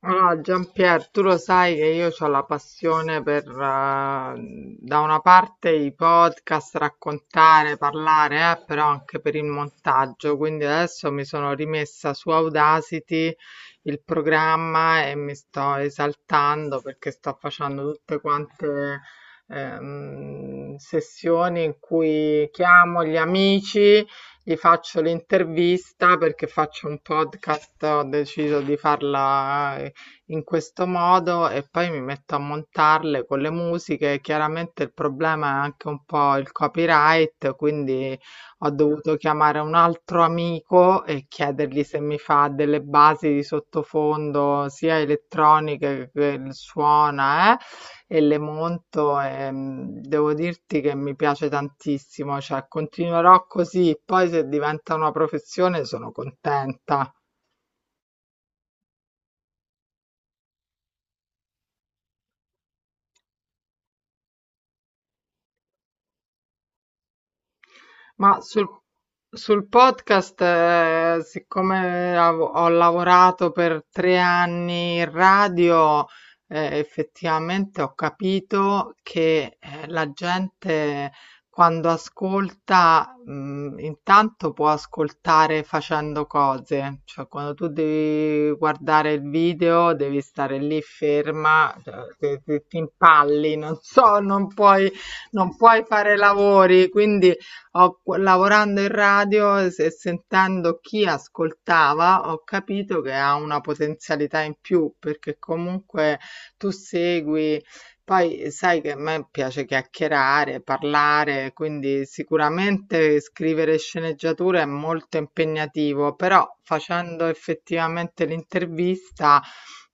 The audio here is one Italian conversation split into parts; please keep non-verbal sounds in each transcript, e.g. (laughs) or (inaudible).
Allora, Giampier, tu lo sai che io ho la passione per, da una parte i podcast, raccontare, parlare, però anche per il montaggio. Quindi adesso mi sono rimessa su Audacity il programma e mi sto esaltando perché sto facendo tutte quante sessioni in cui chiamo gli amici, gli faccio l'intervista perché faccio un podcast, ho deciso di farla in questo modo e poi mi metto a montarle con le musiche. Chiaramente il problema è anche un po' il copyright, quindi ho dovuto chiamare un altro amico e chiedergli se mi fa delle basi di sottofondo, sia elettroniche che il suona, e le monto e devo dirti che mi piace tantissimo, cioè continuerò così, poi se diventa una professione sono contenta. Ma sul podcast, siccome ho lavorato per 3 anni in radio, effettivamente ho capito che la gente, quando ascolta, intanto può ascoltare facendo cose, cioè quando tu devi guardare il video devi stare lì ferma, cioè, ti impalli, non so, non puoi fare lavori, quindi lavorando in radio e sentendo chi ascoltava, ho capito che ha una potenzialità in più perché comunque tu segui. Poi sai che a me piace chiacchierare, parlare, quindi sicuramente scrivere sceneggiature è molto impegnativo, però facendo effettivamente l'intervista,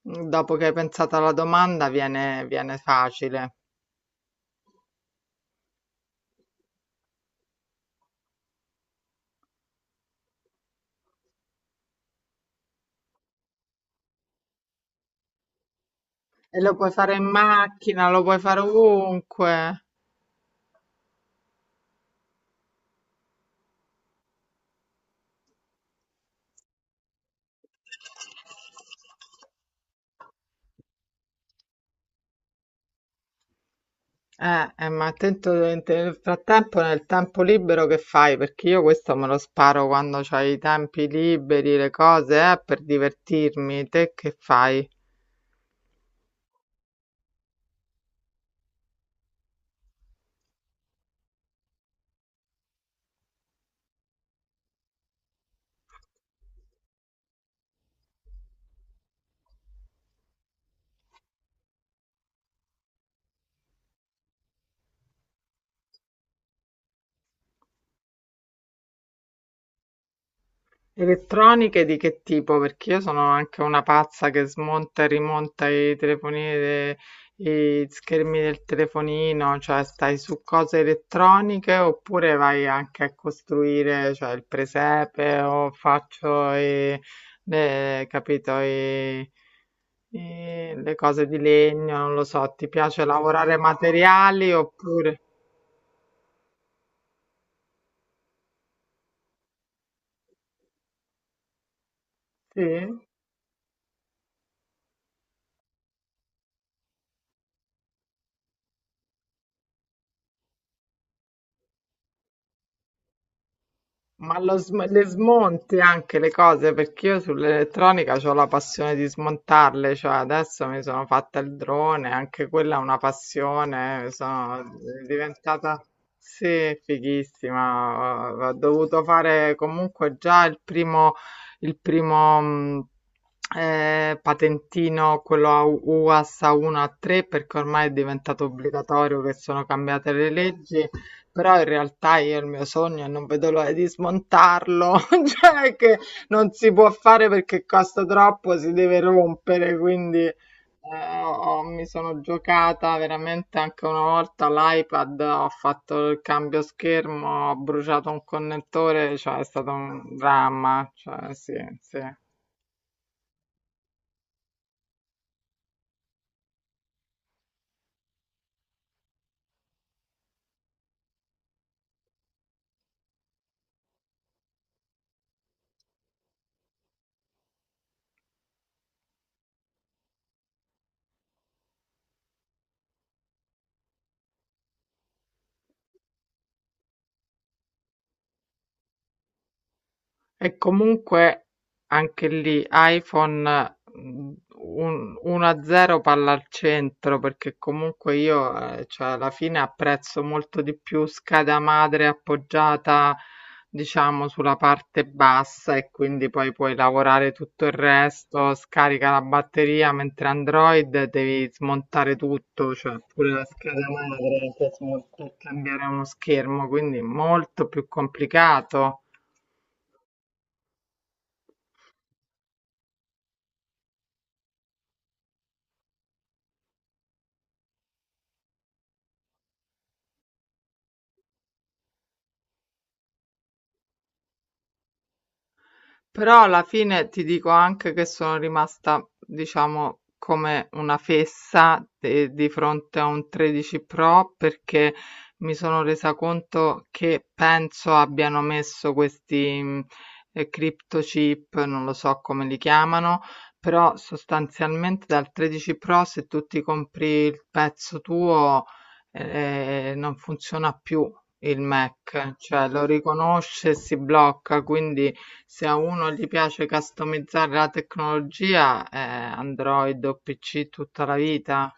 dopo che hai pensato alla domanda, viene facile. E lo puoi fare in macchina, lo puoi fare ovunque. Ma attento, nel tempo libero che fai? Perché io questo me lo sparo quando c'hai i tempi liberi, le cose, per divertirmi. Te che fai? Elettroniche di che tipo? Perché io sono anche una pazza che smonta e rimonta i telefonini, i schermi del telefonino, cioè stai su cose elettroniche oppure vai anche a costruire, cioè il presepe o faccio capito, le cose di legno, non lo so, ti piace lavorare materiali oppure. Sì? Ma le smonti anche le cose, perché io sull'elettronica ho la passione di smontarle, cioè adesso mi sono fatta il drone, anche quella è una passione, sono diventata, sì, fighissima, ho dovuto fare comunque già il primo patentino, quello a UAS A1 A3, perché ormai è diventato obbligatorio, che sono cambiate le leggi. Però in realtà io il mio sogno, e non vedo l'ora di smontarlo, (laughs) cioè, che non si può fare perché costa troppo, si deve rompere, quindi ho- mi sono giocata veramente anche una volta l'iPad, ho fatto il cambio schermo, ho bruciato un connettore, cioè è stato un dramma, cioè sì, sì. E comunque anche lì iPhone, 1-0 palla al centro, perché comunque io, cioè, alla fine apprezzo molto di più scheda madre appoggiata, diciamo, sulla parte bassa, e quindi poi puoi lavorare tutto il resto, scarica la batteria, mentre Android devi smontare tutto, cioè pure la scheda madre per per cambiare uno schermo, quindi molto più complicato. Però alla fine ti dico anche che sono rimasta, diciamo, come una fessa di fronte a un 13 Pro, perché mi sono resa conto che penso abbiano messo questi crypto chip, non lo so come li chiamano, però sostanzialmente dal 13 Pro se tu ti compri il pezzo tuo, non funziona più il Mac, cioè lo riconosce e si blocca, quindi se a uno gli piace customizzare la tecnologia, Android o PC tutta la vita.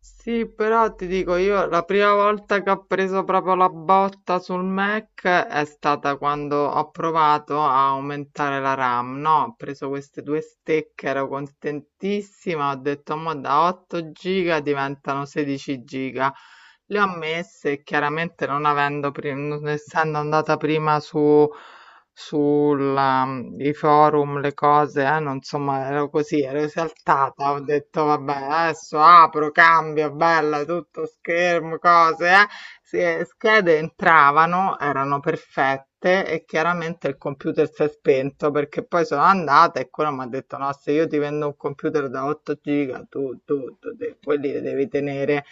Sì, però ti dico io, la prima volta che ho preso proprio la botta sul Mac è stata quando ho provato a aumentare la RAM, no? Ho preso queste due stecche, ero contentissima, ho detto: ma da 8 giga diventano 16 giga. Le ho messe, e chiaramente non avendo, non essendo andata prima su sulla i forum, le cose, non, insomma, ero così, ero esaltata, ho detto: "Vabbè, adesso apro, cambio, bella, tutto schermo, cose, eh". Sì, e schede entravano, erano perfette, e chiaramente il computer si è spento, perché poi sono andata e quello m'ha detto: "No, se io ti vendo un computer da 8 giga tu, de quelli li devi tenere".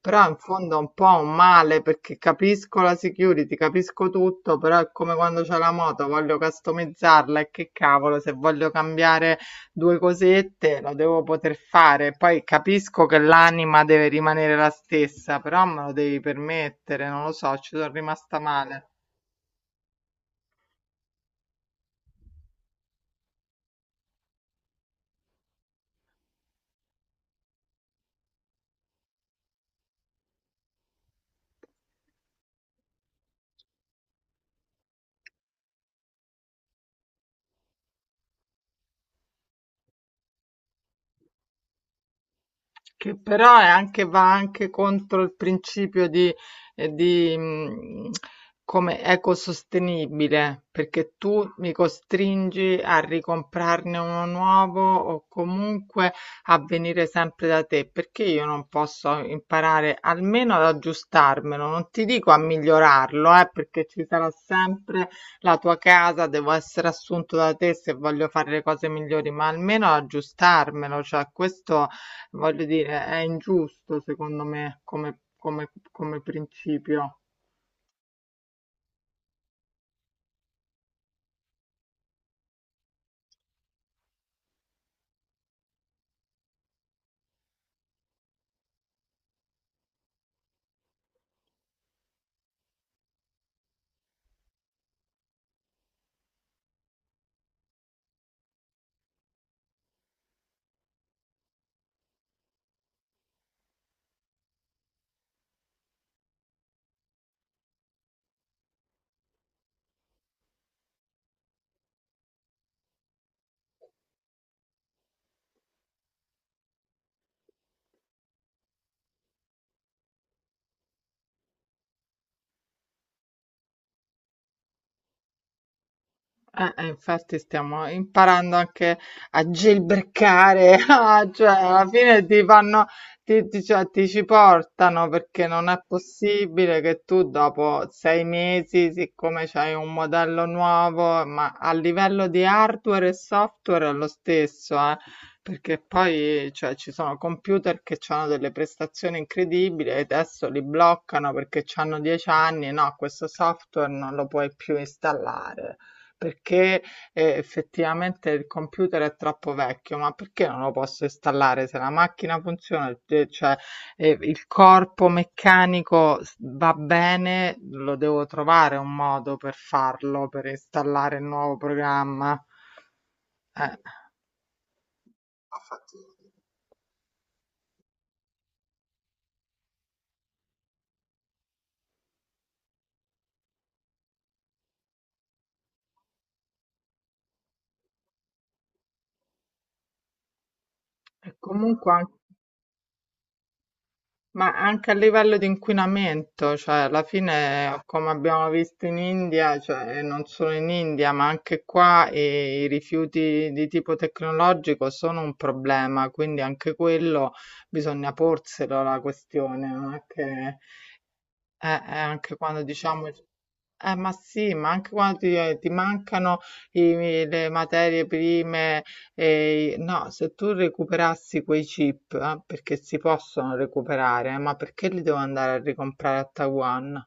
Però in fondo è un po' un male, perché capisco la security, capisco tutto, però è come quando c'è la moto, voglio customizzarla, e che cavolo, se voglio cambiare due cosette lo devo poter fare. Poi capisco che l'anima deve rimanere la stessa, però me lo devi permettere, non lo so, ci sono rimasta male. Che però è anche, va anche contro il principio di, eh, di, mh, come ecosostenibile, perché tu mi costringi a ricomprarne uno nuovo o comunque a venire sempre da te, perché io non posso imparare almeno ad aggiustarmelo, non ti dico a migliorarlo, perché ci sarà sempre la tua casa, devo essere assunto da te se voglio fare le cose migliori, ma almeno ad aggiustarmelo, cioè questo voglio dire, è ingiusto secondo me come principio. Infatti stiamo imparando anche a jailbreakare, (laughs) ah, cioè alla fine ti fanno, cioè, ti ci portano, perché non è possibile che tu dopo 6 mesi, siccome c'hai un modello nuovo, ma a livello di hardware e software è lo stesso, perché poi, cioè, ci sono computer che hanno delle prestazioni incredibili e adesso li bloccano perché hanno 10 anni, no, questo software non lo puoi più installare. Perché, effettivamente il computer è troppo vecchio, ma perché non lo posso installare? Se la macchina funziona, de cioè, il corpo meccanico s va bene, lo devo trovare un modo per farlo, per installare il nuovo programma. Eh. Infatti E comunque an Ma anche a livello di inquinamento, cioè alla fine, come abbiamo visto in India, cioè, e non solo in India, ma anche qua, i rifiuti di tipo tecnologico sono un problema, quindi anche quello bisogna porselo, la questione, non è che anche quando diciamo, ma sì, ma anche quando ti mancano le materie prime, no, se tu recuperassi quei chip, perché si possono recuperare, ma perché li devo andare a ricomprare a Taiwan?